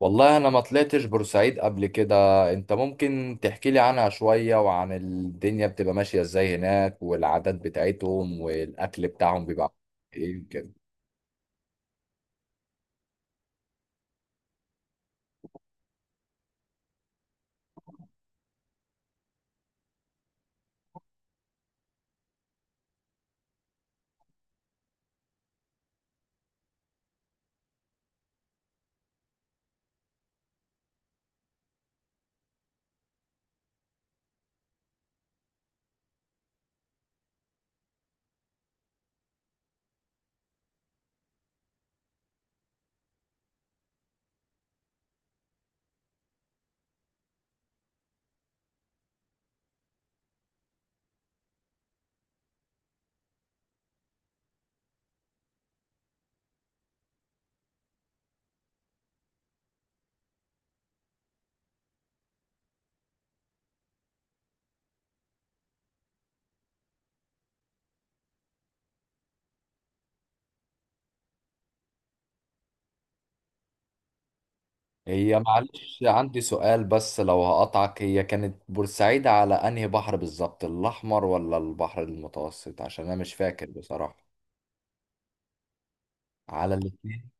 والله انا ما طلعتش بورسعيد قبل كده. انت ممكن تحكي لي عنها شوية وعن الدنيا بتبقى ماشية ازاي هناك، والعادات بتاعتهم والاكل بتاعهم بيبقى ايه كده؟ هي معلش عندي سؤال بس لو هقطعك، هي كانت بورسعيد على انهي بحر بالظبط، الاحمر ولا البحر المتوسط؟ عشان انا مش فاكر بصراحة. على الاتنين.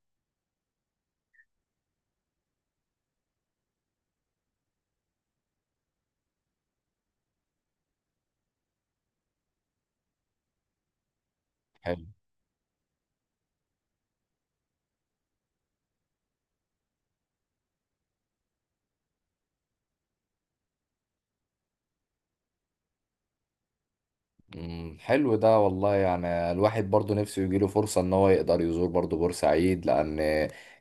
حلو ده والله، يعني الواحد برضو نفسه يجيله فرصة ان هو يقدر يزور برضو بورسعيد، لان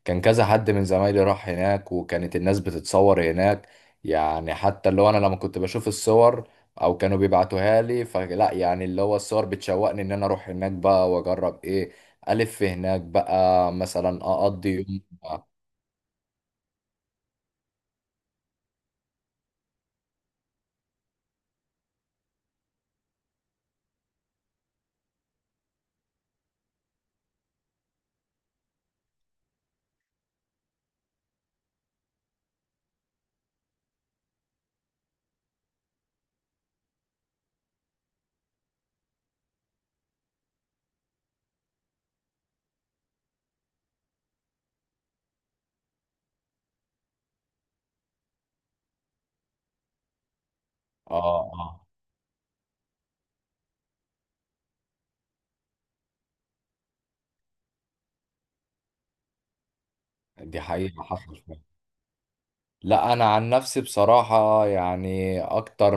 كان كذا حد من زمايلي راح هناك وكانت الناس بتتصور هناك. يعني حتى اللي هو انا لما كنت بشوف الصور او كانوا بيبعتوها لي، فلا يعني اللي هو الصور بتشوقني ان انا اروح هناك بقى واجرب ايه الف هناك بقى، مثلا اقضي يوم اه اه، آه. دي حقيقة حصل. لا، انا عن نفسي بصراحة يعني اكتر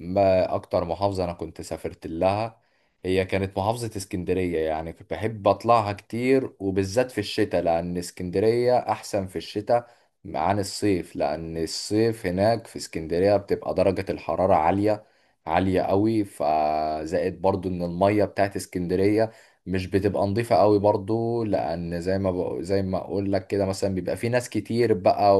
ما اكتر محافظة انا كنت سافرت لها هي كانت محافظة اسكندرية. يعني كنت بحب اطلعها كتير، وبالذات في الشتاء، لان اسكندرية احسن في الشتاء عن الصيف، لان الصيف هناك في اسكندرية بتبقى درجة الحرارة عالية، عالية قوي. فزائد برضو ان المية بتاعت اسكندرية مش بتبقى نظيفة قوي برضو، لأن زي ما زي ما أقول لك كده، مثلا بيبقى في ناس كتير بقى،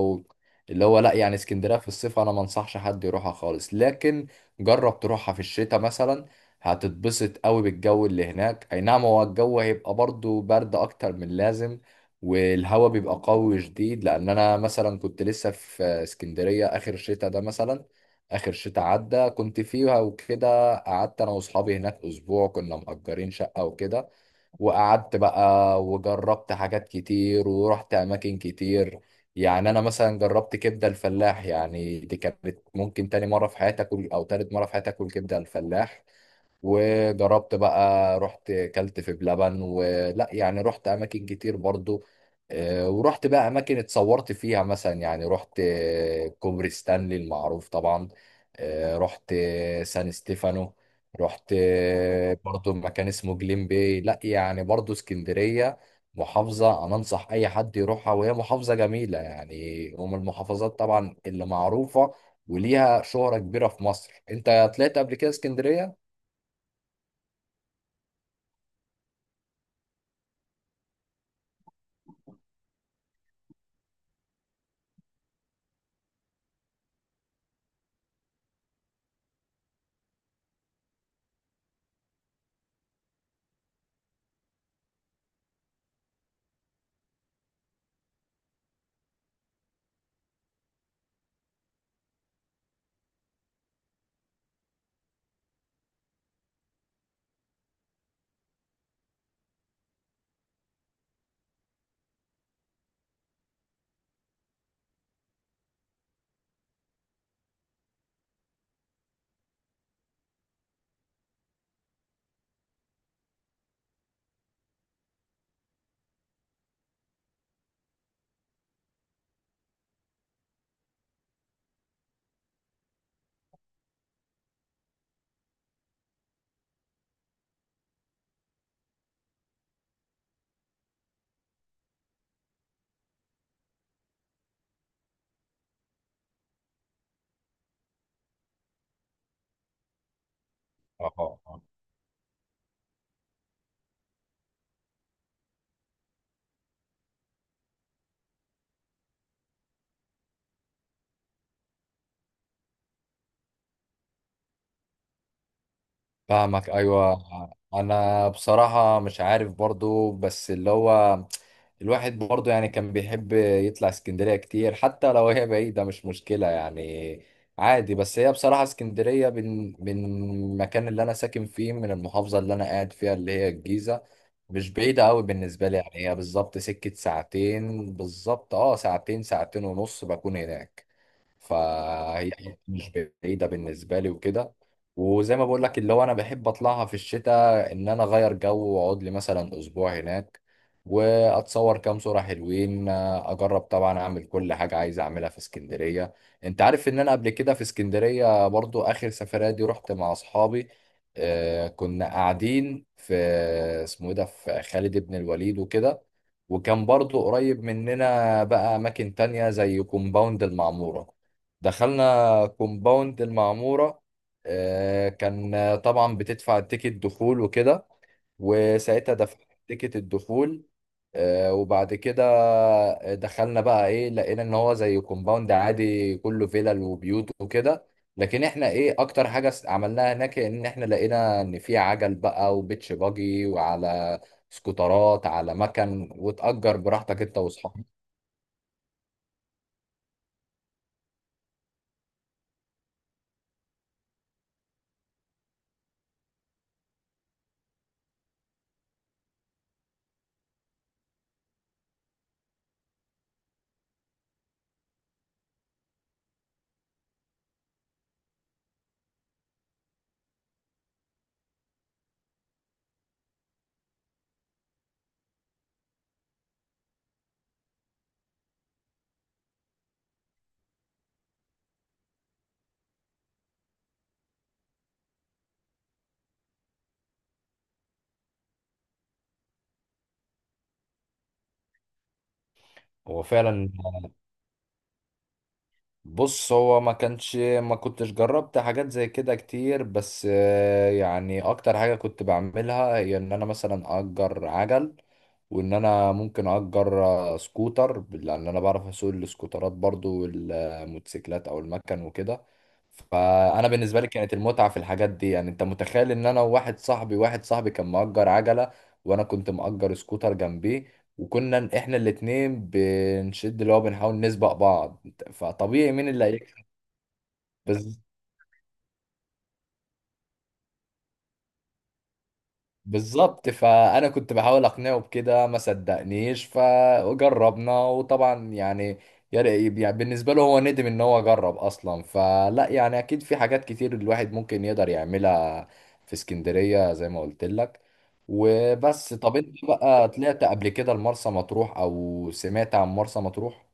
اللي هو لا يعني اسكندريه في الصيف انا ما انصحش حد يروحها خالص، لكن جرب تروحها في الشتاء مثلا. هتتبسط قوي بالجو اللي هناك. اي نعم، هو الجو هيبقى برضو برد اكتر من اللازم، والهواء بيبقى قوي شديد، لان انا مثلا كنت لسه في اسكندريه اخر شتاء ده. مثلا اخر شتاء عدى كنت فيها وكده، قعدت انا واصحابي هناك اسبوع، كنا مأجرين شقه وكده. وقعدت بقى، وجربت حاجات كتير ورحت أماكن كتير. يعني أنا مثلا جربت كبدة الفلاح، يعني دي كانت ممكن تاني مرة في حياتي أكل أو تالت مرة في حياتي أكل كبدة الفلاح. وجربت بقى، رحت كلت في بلبن ولا، يعني رحت اماكن كتير برضو. ورحت بقى اماكن اتصورت فيها، مثلا يعني رحت كوبري ستانلي المعروف طبعا. رحت سان ستيفانو. رحت برضو مكان اسمه جليم باي. لا يعني برضو اسكندرية محافظة أنا أنصح أي حد يروحها، وهي محافظة جميلة يعني. ومن المحافظات طبعا اللي معروفة وليها شهرة كبيرة في مصر. أنت طلعت قبل كده اسكندرية؟ اه، آه. فاهمك، ايوه. انا بصراحه مش عارف برضو، بس اللي هو الواحد برضو يعني كان بيحب يطلع اسكندريه كتير حتى لو هي بعيده، مش مشكله يعني، عادي. بس هي بصراحه اسكندريه من المكان اللي انا ساكن فيه، من المحافظه اللي انا قاعد فيها اللي هي الجيزه، مش بعيده قوي بالنسبه لي. يعني هي بالظبط سكه ساعتين بالظبط، ساعتين، ساعتين ونص بكون هناك. فهي مش بعيدة بالنسبة لي وكده. وزي ما بقول لك اللي هو انا بحب اطلعها في الشتاء ان انا اغير جو واقعد لي مثلا اسبوع هناك، واتصور كام صورة حلوين، اجرب طبعا اعمل كل حاجة عايز اعملها في اسكندرية. انت عارف ان انا قبل كده في اسكندرية برضو اخر سفرية دي رحت مع اصحابي. آه كنا قاعدين في اسمه ايه ده، في خالد بن الوليد وكده، وكان برضو قريب مننا بقى اماكن تانية زي كومباوند المعمورة. دخلنا كومباوند المعمورة. كان طبعا بتدفع تيكت دخول وكده، وساعتها دفعت تيكت الدخول. وبعد كده دخلنا بقى ايه، لقينا ان هو زي كومباوند عادي، كله فيلل وبيوت وكده. لكن احنا ايه اكتر حاجة عملناها هناك، ان احنا لقينا ان في عجل بقى وبيتش باجي، وعلى سكوترات، على مكن، وتأجر براحتك انت واصحابك. هو فعلا، بص هو ما كنتش جربت حاجات زي كده كتير، بس يعني اكتر حاجة كنت بعملها هي ان انا مثلا اجر عجل، وان انا ممكن اجر سكوتر، لان انا بعرف اسوق السكوترات برضو والموتوسيكلات او المكن وكده. فانا بالنسبه لي كانت المتعه في الحاجات دي. يعني انت متخيل ان انا وواحد صاحبي، واحد صاحبي كان مأجر عجله وانا كنت مأجر سكوتر جنبيه، وكنا احنا الاتنين بنشد اللي هو بنحاول نسبق بعض. فطبيعي مين اللي هيكسب؟ بز- بالظبط. فانا كنت بحاول اقنعه بكده، ما صدقنيش، فجربنا وطبعا يعني يعني بالنسبه له هو ندم ان هو جرب اصلا. فلا يعني اكيد في حاجات كتير الواحد ممكن يقدر يعملها في اسكندريه زي ما قلت لك. وبس طب انت بقى طلعت قبل كده لمرسى مطروح او سمعت عن مرسى مطروح؟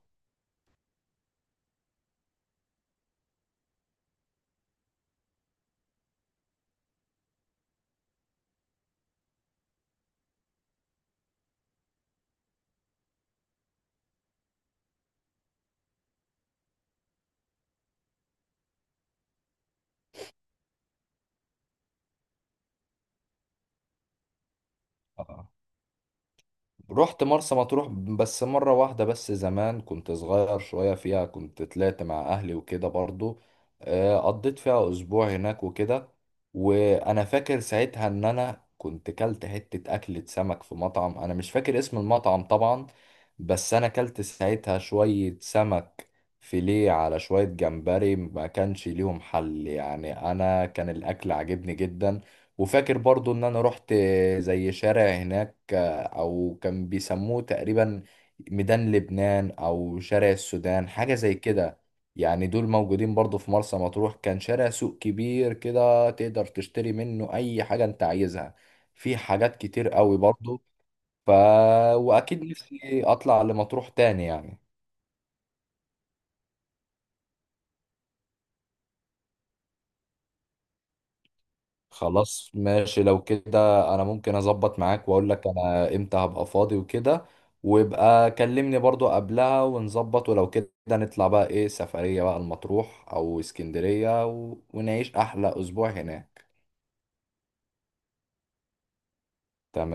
رحت مرسى مطروح بس مرة واحدة، بس زمان كنت صغير شوية فيها، كنت طلعت مع أهلي وكده برضو. قضيت فيها أسبوع هناك وكده. وأنا فاكر ساعتها إن أنا كنت كلت حتة أكلة سمك في مطعم، أنا مش فاكر اسم المطعم طبعا، بس أنا كلت ساعتها شوية سمك فيليه على شوية جمبري، ما كانش ليهم حل، يعني أنا كان الأكل عجبني جدا. وفاكر برضو إن أنا رحت زي شارع هناك، او كان بيسموه تقريبا ميدان لبنان او شارع السودان، حاجة زي كده. يعني دول موجودين برضو في مرسى مطروح. كان شارع سوق كبير كده، تقدر تشتري منه اي حاجة انت عايزها، في حاجات كتير قوي برضو. ف واكيد نفسي اطلع لمطروح تاني يعني. خلاص ماشي، لو كده انا ممكن اظبط معاك واقول لك انا امتى هبقى فاضي وكده، ويبقى كلمني برضو قبلها ونظبط، ولو كده نطلع بقى ايه سفرية بقى المطروح او اسكندرية ونعيش احلى اسبوع هناك. تمام.